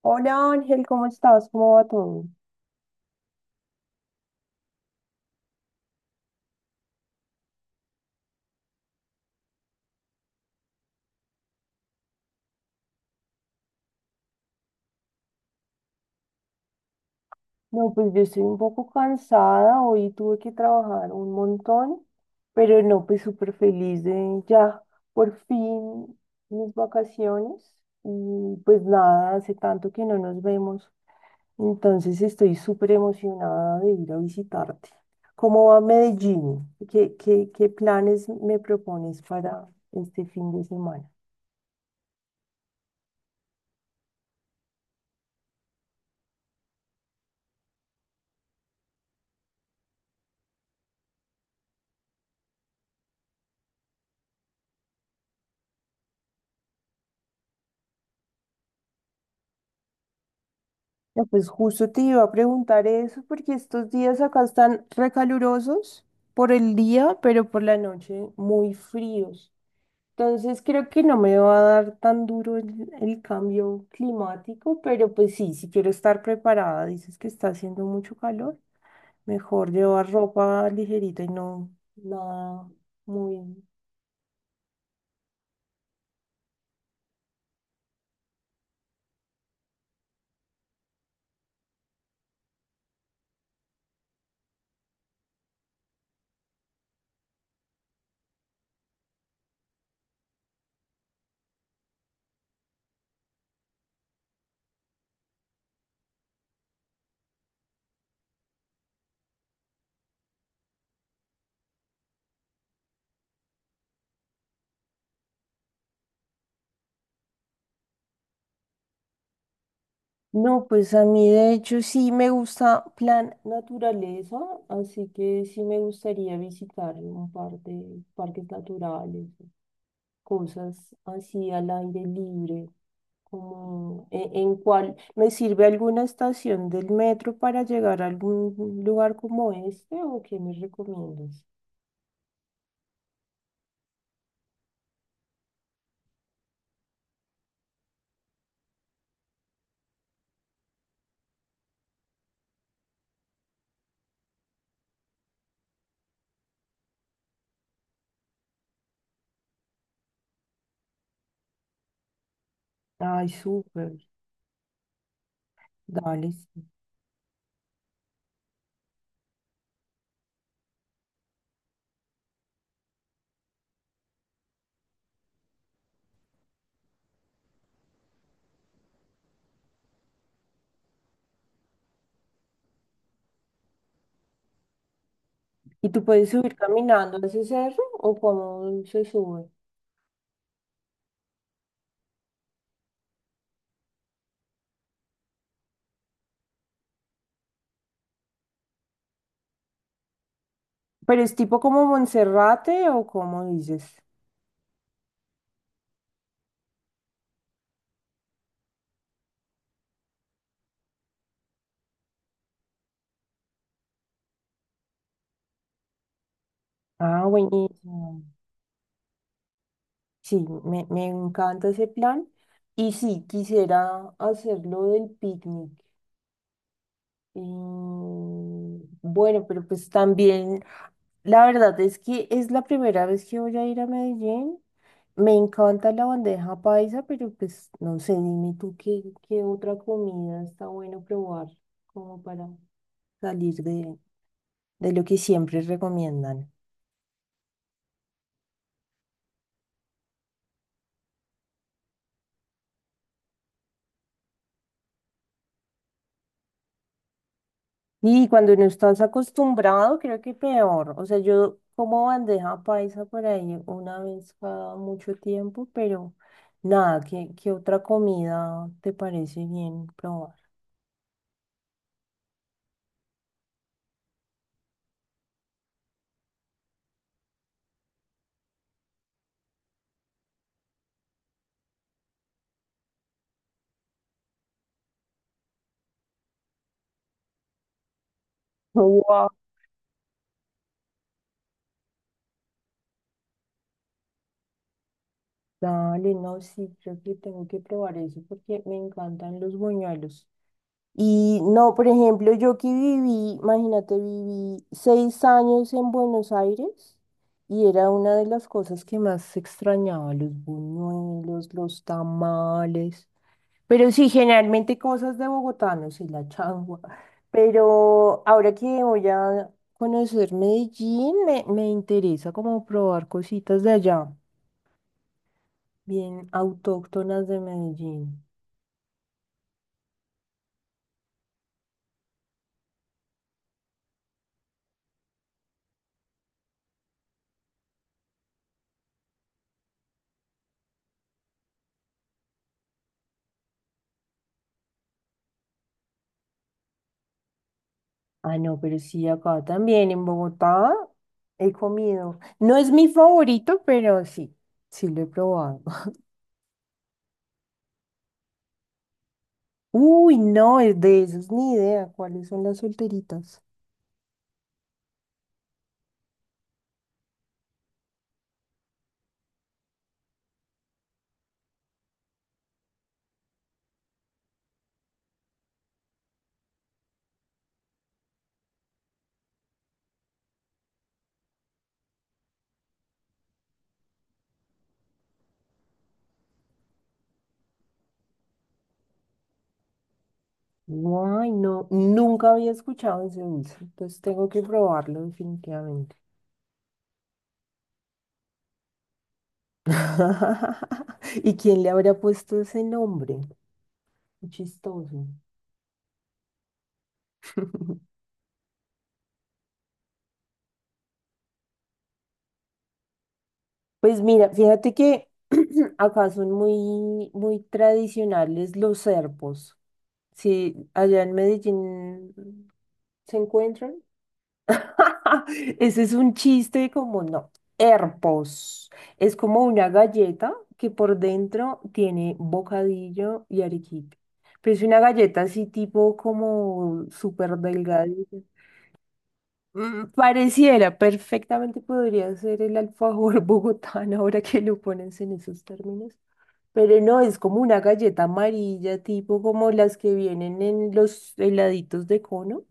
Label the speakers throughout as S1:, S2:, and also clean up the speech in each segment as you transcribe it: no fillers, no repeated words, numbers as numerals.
S1: Hola Ángel, ¿cómo estás? ¿Cómo va todo? No, pues yo estoy un poco cansada, hoy tuve que trabajar un montón, pero no, pues súper feliz de ya por fin mis vacaciones. Y pues nada, hace tanto que no nos vemos, entonces estoy súper emocionada de ir a visitarte. ¿Cómo va Medellín? ¿Qué planes me propones para este fin de semana? No, pues justo te iba a preguntar eso, porque estos días acá están recalurosos por el día, pero por la noche muy fríos. Entonces creo que no me va a dar tan duro el cambio climático, pero pues sí, si quiero estar preparada, dices que está haciendo mucho calor, mejor llevar ropa ligerita y no nada muy. No, pues a mí de hecho sí me gusta plan naturaleza, así que sí me gustaría visitar un par de parques naturales, cosas así al aire libre, como en, cuál me sirve alguna estación del metro para llegar a algún lugar como este o qué me recomiendas. Ay, súper, dale. Sí. ¿Y tú puedes subir caminando a ese cerro o cómo se sube? ¿Pero es tipo como Monserrate o cómo dices? Ah, buenísimo. Sí, me encanta ese plan. Y sí, quisiera hacerlo del picnic. Y bueno, pero pues también, la verdad es que es la primera vez que voy a ir a Medellín. Me encanta la bandeja paisa, pero pues no sé, dime tú qué otra comida está bueno probar como para salir de lo que siempre recomiendan. Y cuando no estás acostumbrado, creo que peor. O sea, yo como bandeja paisa por ahí una vez cada mucho tiempo, pero nada, ¿qué otra comida te parece bien probar? Wow. Dale, no, sí, creo que tengo que probar eso porque me encantan los buñuelos. Y no, por ejemplo, yo que viví, imagínate, viví seis años en Buenos Aires y era una de las cosas que más extrañaba, los buñuelos, los tamales, pero sí, generalmente cosas de Bogotá no y la changua. Pero ahora que voy a conocer Medellín, me interesa como probar cositas de allá, bien autóctonas de Medellín. Ah, no, pero sí, acá también en Bogotá he comido. No es mi favorito, pero sí, sí lo he probado. Uy, no, es de esos ni idea cuáles son las solteritas. Guay, no, nunca había escuchado ese dulce, entonces tengo que probarlo definitivamente. ¿Y quién le habrá puesto ese nombre? Qué chistoso. Pues mira, fíjate que acá son muy, muy tradicionales los serpos. Sí, allá en Medellín se encuentran. Ese es un chiste como no. Herpos. Es como una galleta que por dentro tiene bocadillo y arequipe. Pero es una galleta así tipo como súper delgadita. Pareciera, perfectamente podría ser el alfajor bogotano ahora que lo pones en esos términos. Pero no, es como una galleta amarilla, tipo como las que vienen en los heladitos de cono,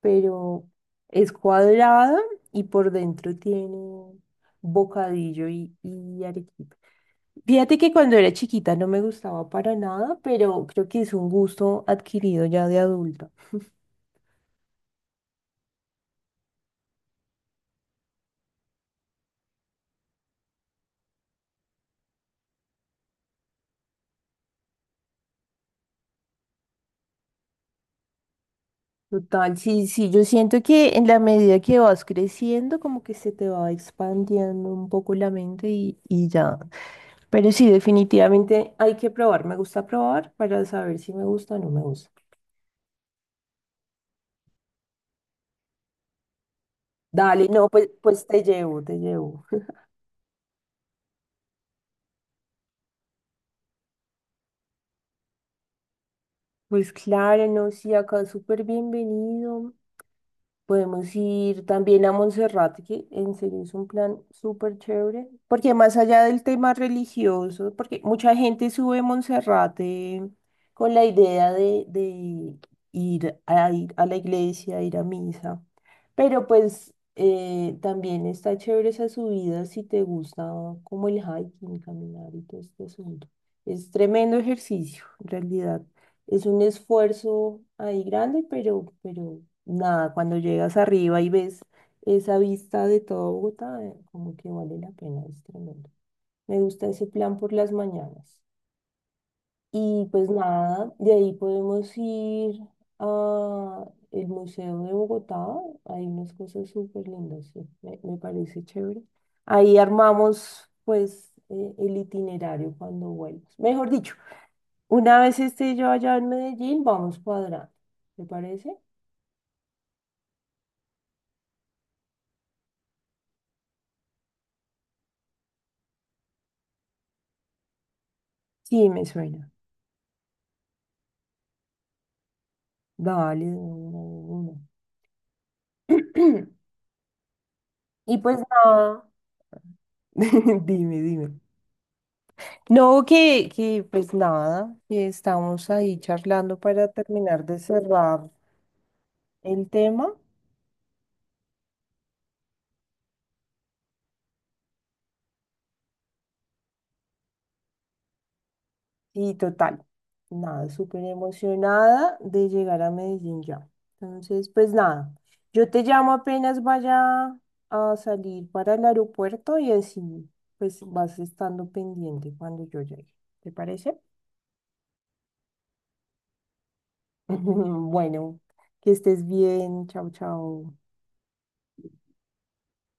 S1: pero es cuadrada y por dentro tiene bocadillo y arequipe. Fíjate que cuando era chiquita no me gustaba para nada, pero creo que es un gusto adquirido ya de adulta. Total, sí, sí, yo siento que en la medida que vas creciendo, como que se te va expandiendo un poco la mente y ya. Pero sí, definitivamente hay que probar. Me gusta probar para saber si me gusta o no me gusta. Dale, no, pues, pues te llevo, te llevo. Pues claro, no, sí, acá súper bienvenido. Podemos ir también a Monserrate, que en serio es un plan súper chévere, porque más allá del tema religioso, porque mucha gente sube a Monserrate con la idea de ir a, ir a la iglesia, ir a misa, pero pues también está chévere esa subida si te gusta como el hiking, caminar y todo este asunto. Es tremendo ejercicio, en realidad. Es un esfuerzo ahí grande, pero nada, cuando llegas arriba y ves esa vista de todo Bogotá, como que vale la pena, es tremendo. Me gusta ese plan por las mañanas. Y pues nada, de ahí podemos ir a el Museo de Bogotá. Hay unas cosas súper lindas, sí, me parece chévere. Ahí armamos pues el itinerario cuando vuelvas. Mejor dicho, una vez esté yo allá en Medellín, vamos cuadrando. ¿Te parece? Sí, me suena. Dale, de una, de una. Y pues nada, dime, dime. No, que pues nada, que estamos ahí charlando para terminar de cerrar el tema y total, nada, súper emocionada de llegar a Medellín ya. Entonces, pues nada, yo te llamo apenas vaya a salir para el aeropuerto y así pues vas estando pendiente cuando yo llegue. ¿Te parece? Bueno, que estés bien, chao, chao.